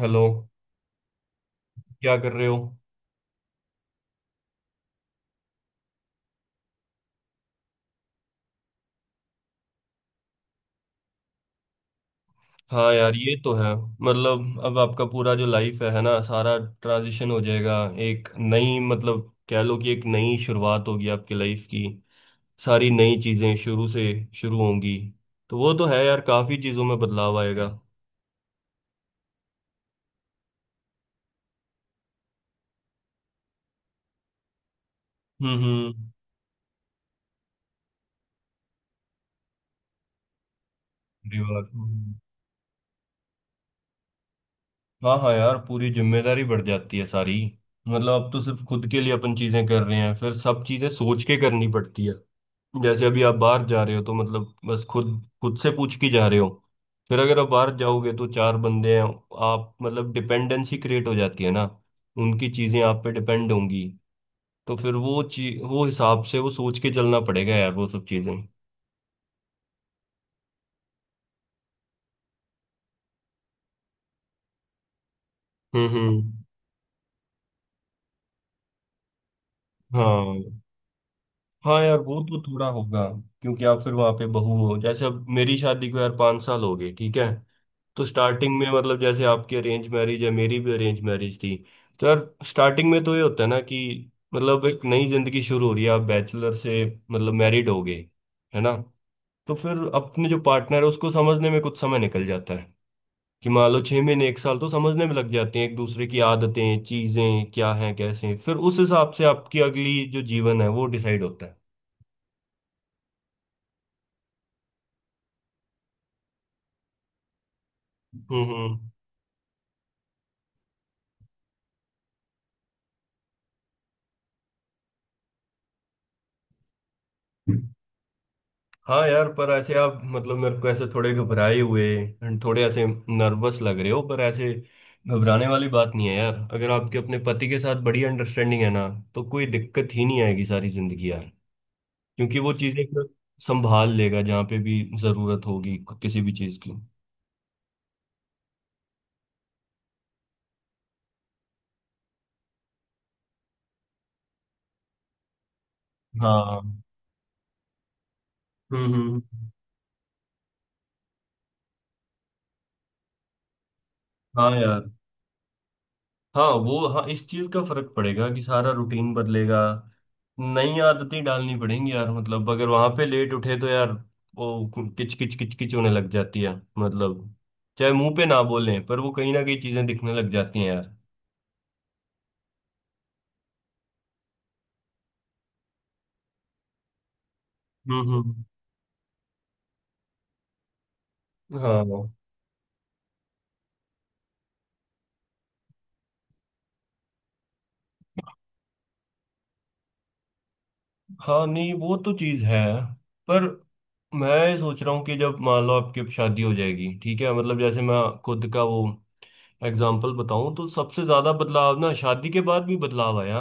Hello. क्या कर रहे हो? हाँ यार, ये तो है। मतलब अब आपका पूरा जो लाइफ है ना, सारा ट्रांजिशन हो जाएगा। एक नई, मतलब कह लो कि एक नई शुरुआत होगी आपकी लाइफ की। सारी नई चीजें शुरू से शुरू होंगी। तो वो तो है यार, काफी चीजों में बदलाव आएगा। हम्म। परिवार। हम्म। हाँ हाँ यार, पूरी जिम्मेदारी बढ़ जाती है सारी। मतलब अब तो सिर्फ खुद के लिए अपन चीजें कर रहे हैं, फिर सब चीजें सोच के करनी पड़ती है। जैसे अभी आप बाहर जा रहे हो, तो मतलब बस खुद खुद से पूछ के जा रहे हो। फिर अगर आप बाहर जाओगे तो चार बंदे हैं। आप मतलब डिपेंडेंसी क्रिएट हो जाती है ना। उनकी चीजें आप पे डिपेंड होंगी। तो फिर वो चीज, वो हिसाब से वो सोच के चलना पड़ेगा यार, वो सब चीजें। हम्म। हाँ हाँ यार, वो तो थोड़ा होगा। क्योंकि आप फिर वहां पे बहू हो। जैसे अब मेरी शादी को यार पाँच साल हो गए, ठीक है। तो स्टार्टिंग में, मतलब जैसे आपकी अरेंज मैरिज है, मेरी भी अरेंज मैरिज थी। तो यार स्टार्टिंग में तो ये होता है ना कि मतलब एक नई जिंदगी शुरू हो रही है। आप बैचलर से मतलब मैरिड हो गए, है ना। तो फिर अपने जो पार्टनर है उसको समझने में कुछ समय निकल जाता है। कि मान लो छह महीने एक साल तो समझने में लग जाते हैं, एक दूसरे की आदतें चीजें क्या हैं कैसे हैं, फिर उस हिसाब से आपकी अगली जो जीवन है वो डिसाइड होता है। हम्म हम्म। हाँ यार, पर ऐसे आप मतलब मेरे को ऐसे थोड़े घबराए हुए and थोड़े ऐसे नर्वस लग रहे हो। पर ऐसे घबराने वाली बात नहीं है यार। अगर आपके अपने पति के साथ बड़ी अंडरस्टैंडिंग है ना, तो कोई दिक्कत ही नहीं आएगी सारी जिंदगी यार। क्योंकि वो चीजें एक संभाल लेगा जहाँ पे भी जरूरत होगी, किसी भी चीज की। हाँ। हम्म। हम्म। हाँ यार। हाँ वो, हाँ इस चीज का फर्क पड़ेगा कि सारा रूटीन बदलेगा। नई आदतें डालनी पड़ेंगी यार। मतलब अगर वहां पे लेट उठे तो यार, वो किच किच किच किच होने लग जाती है। मतलब चाहे मुंह पे ना बोलें, पर वो कहीं ना कहीं चीजें दिखने लग जाती हैं यार। हम्म। हाँ। हाँ नहीं, वो तो चीज है। पर मैं सोच रहा हूँ कि जब मान लो आपकी अब शादी हो जाएगी, ठीक है, मतलब जैसे मैं खुद का वो एग्जाम्पल बताऊं, तो सबसे ज्यादा बदलाव ना शादी के बाद भी बदलाव आया।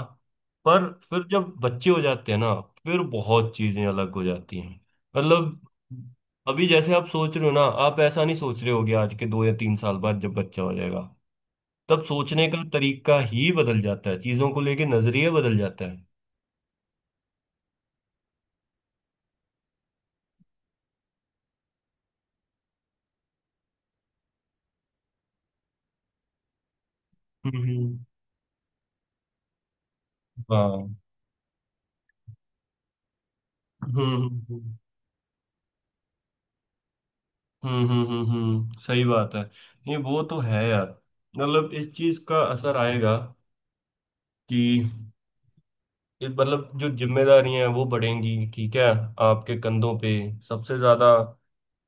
पर फिर जब बच्चे हो जाते हैं ना, फिर बहुत चीजें अलग हो जाती हैं। मतलब अभी जैसे आप सोच रहे हो ना, आप ऐसा नहीं सोच रहे होगे। आज के दो या तीन साल बाद जब बच्चा हो जाएगा, तब सोचने का तरीका ही बदल जाता है, चीजों को लेके नजरिया बदल जाता है। हम्म। हाँ। हम्म हम्म सही बात है। नहीं वो तो है यार, मतलब इस चीज का असर आएगा। कि ये मतलब जो जिम्मेदारियां हैं वो बढ़ेंगी, ठीक है, आपके कंधों पे सबसे ज्यादा।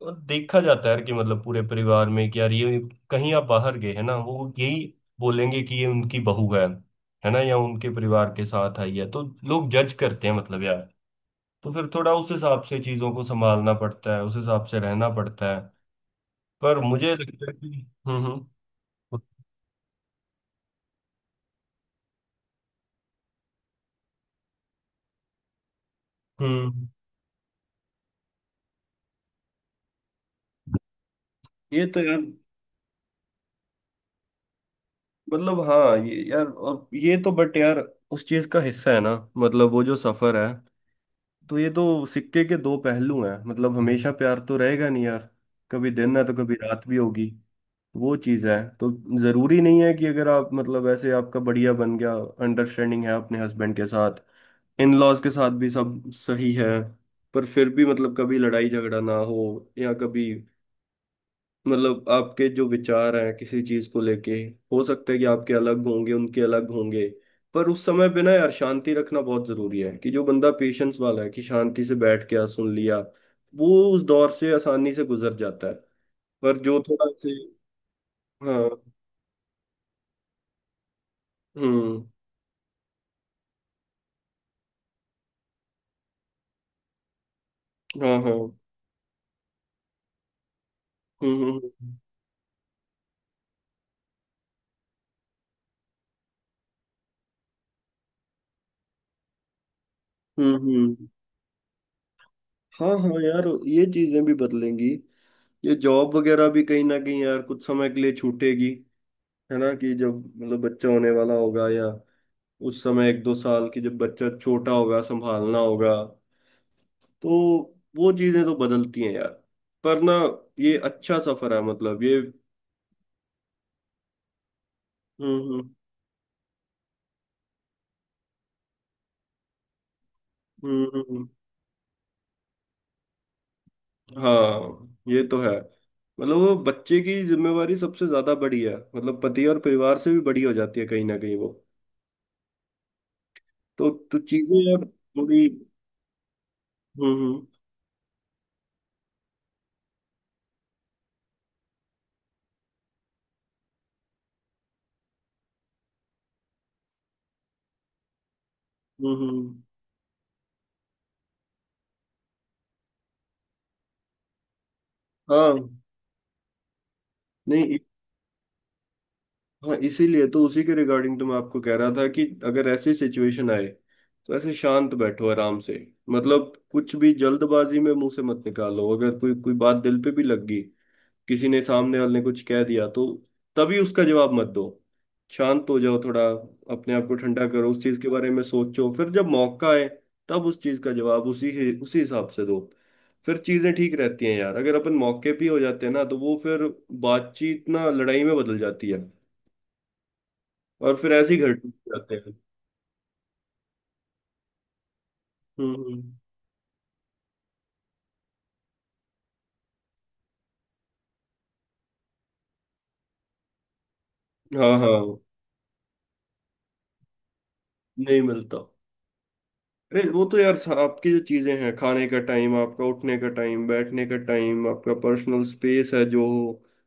और देखा जाता है यार कि मतलब पूरे परिवार में कि यार ये कहीं आप बाहर गए, है ना, वो यही बोलेंगे कि ये उनकी बहू है ना, या उनके परिवार के साथ आई है। तो लोग जज करते हैं मतलब यार। तो फिर थोड़ा उस हिसाब से चीजों को संभालना पड़ता है, उस हिसाब से रहना पड़ता है। पर मुझे लगता है कि। हम्म। हम्म। ये तो यार मतलब, हाँ ये यार और ये तो, बट यार, उस चीज का हिस्सा है ना। मतलब वो जो सफर है, तो ये तो सिक्के के दो पहलू हैं। मतलब हमेशा प्यार तो रहेगा नहीं यार। कभी दिन है तो कभी रात भी होगी। वो चीज है। तो जरूरी नहीं है कि अगर आप मतलब ऐसे आपका बढ़िया बन गया, अंडरस्टैंडिंग है अपने हस्बैंड के साथ, इन लॉज के साथ भी सब सही है, पर फिर भी मतलब कभी लड़ाई झगड़ा ना हो या कभी मतलब आपके जो विचार हैं किसी चीज को लेके, हो सकता है कि आपके अलग होंगे उनके अलग होंगे। पर उस समय पे ना यार, शांति रखना बहुत जरूरी है। कि जो बंदा पेशेंस वाला है कि शांति से बैठ के सुन लिया, वो उस दौर से आसानी से गुजर जाता है। पर जो थोड़ा से। हाँ। हम्म। हाँ हाँ। हम्म हम्म हम्म हम्म। हम्म, हाँ हाँ यार, ये चीजें भी बदलेंगी। ये जॉब वगैरह भी कहीं ना कहीं यार कुछ समय के लिए छूटेगी। है ना कि जब मतलब बच्चा होने वाला होगा, या उस समय एक दो साल की, जब बच्चा छोटा होगा संभालना होगा। तो वो चीजें तो बदलती हैं यार। पर ना ये अच्छा सफर है मतलब ये। हम्म हम्म। हाँ ये तो है। मतलब वो बच्चे की जिम्मेवारी सबसे ज्यादा बड़ी है। मतलब पति और परिवार से भी बड़ी हो जाती है कहीं ना कहीं वो। तो चीजें यार थोड़ी। हम्म। हम्म, हम्म, हाँ। नहीं हाँ, इसीलिए तो उसी के रिगार्डिंग तो मैं आपको कह रहा था कि अगर ऐसी सिचुएशन आए तो ऐसे शांत बैठो, आराम से। मतलब कुछ भी जल्दबाजी में मुंह से मत निकालो। अगर कोई कोई बात दिल पे भी लग गई, किसी ने सामने वाले ने कुछ कह दिया, तो तभी उसका जवाब मत दो। शांत हो जाओ थोड़ा। अपने आप को ठंडा करो, उस चीज के बारे में सोचो, फिर जब मौका आए तब उस चीज का जवाब उसी उसी हिसाब से दो। फिर चीजें ठीक रहती हैं यार। अगर अपन मौके पे ही हो जाते हैं ना, तो वो फिर बातचीत ना लड़ाई में बदल जाती है, और फिर ऐसे ही घर टूट जाते हैं। हम्म। हाँ हाँ। नहीं मिलता। अरे वो तो यार सा-, आपकी जो चीजें हैं खाने का टाइम, आपका उठने का टाइम, बैठने का टाइम, आपका पर्सनल स्पेस है जो हो,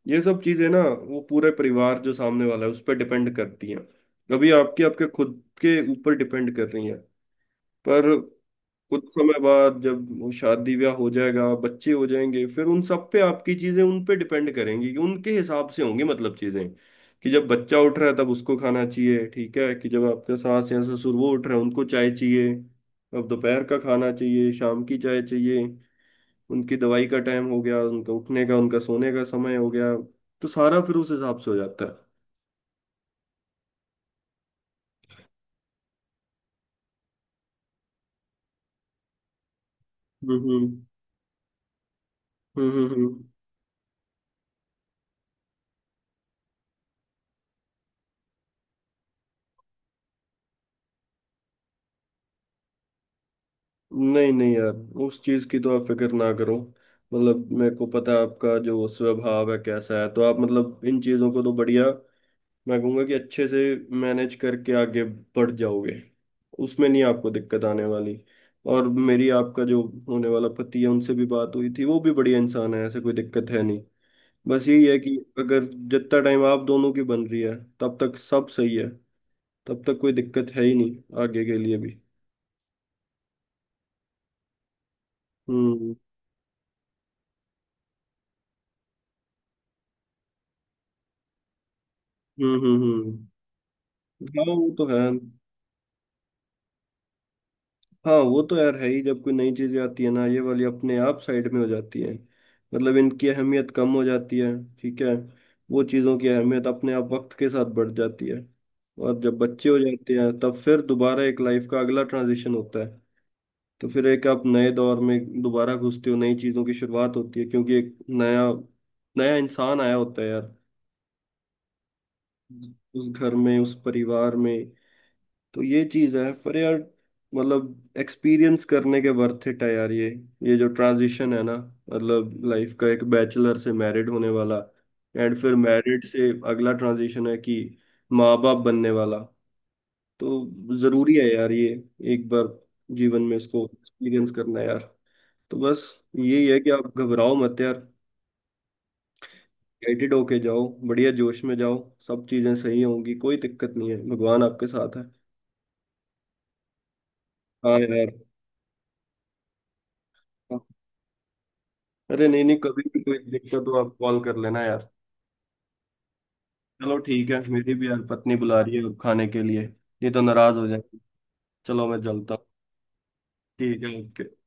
ये सब चीजें ना वो पूरे परिवार जो सामने वाला है उस पर डिपेंड करती हैं। कभी आपकी आपके खुद के ऊपर डिपेंड कर रही हैं, पर कुछ समय बाद जब वो शादी ब्याह हो जाएगा, बच्चे हो जाएंगे, फिर उन सब पे आपकी चीजें, उन पे डिपेंड करेंगी कि उनके हिसाब से होंगी मतलब चीजें। कि जब बच्चा उठ रहा है तब उसको खाना चाहिए, ठीक है, कि जब आपका सास या ससुर वो उठ रहे हैं उनको चाय चाहिए, अब दोपहर का खाना चाहिए, शाम की चाय चाहिए, उनकी दवाई का टाइम हो गया, उनका उठने का, उनका सोने का समय हो गया। तो सारा फिर उस हिसाब से हो जाता है। हम्म हम्म हम्म। हम्म। नहीं नहीं यार, उस चीज की तो आप फिक्र ना करो। मतलब मेरे को पता है आपका जो स्वभाव है कैसा है, तो आप मतलब इन चीजों को तो बढ़िया, मैं कहूँगा कि अच्छे से मैनेज करके आगे बढ़ जाओगे। उसमें नहीं आपको दिक्कत आने वाली। और मेरी आपका जो होने वाला पति है उनसे भी बात हुई थी, वो भी बढ़िया इंसान है। ऐसे कोई दिक्कत है नहीं। बस यही है कि अगर जितना टाइम आप दोनों की बन रही है तब तक सब सही है। तब तक कोई दिक्कत है ही नहीं, आगे के लिए भी। हम्म हम्म। हम्म। हाँ वो तो है। हाँ वो तो यार है ही। जब कोई नई चीजें आती है ना, ये वाली अपने आप साइड में हो जाती है। मतलब इनकी अहमियत कम हो जाती है, ठीक है। वो चीज़ों की अहमियत अपने आप वक्त के साथ बढ़ जाती है। और जब बच्चे हो जाते हैं तब फिर दोबारा एक लाइफ का अगला ट्रांजिशन होता है। तो फिर एक आप नए दौर में दोबारा घुसते हो, नई चीज़ों की शुरुआत होती है, क्योंकि एक नया नया इंसान आया होता है यार, उस घर में, उस परिवार में। तो ये चीज है, पर यार मतलब एक्सपीरियंस करने के वर्थ इट है यार ये। ये जो ट्रांजिशन है ना, मतलब लाइफ का, एक बैचलर से मैरिड होने वाला, एंड फिर मैरिड से अगला ट्रांजिशन है कि माँ बाप बनने वाला। तो जरूरी है यार ये, एक बार जीवन में इसको एक्सपीरियंस करना है यार। तो बस यही है कि आप घबराओ मत यार। एक्साइटेड होके जाओ, बढ़िया जोश में जाओ। सब चीजें सही होंगी, कोई दिक्कत नहीं है, भगवान आपके साथ है। हाँ यार। अरे नहीं नहीं, कभी भी कोई दिक्कत हो आप कॉल कर लेना यार। चलो ठीक है, मेरी भी यार पत्नी बुला रही है अब खाने के लिए, नहीं तो नाराज हो जाएगी। चलो मैं चलता हूँ। ठीक है, ओके।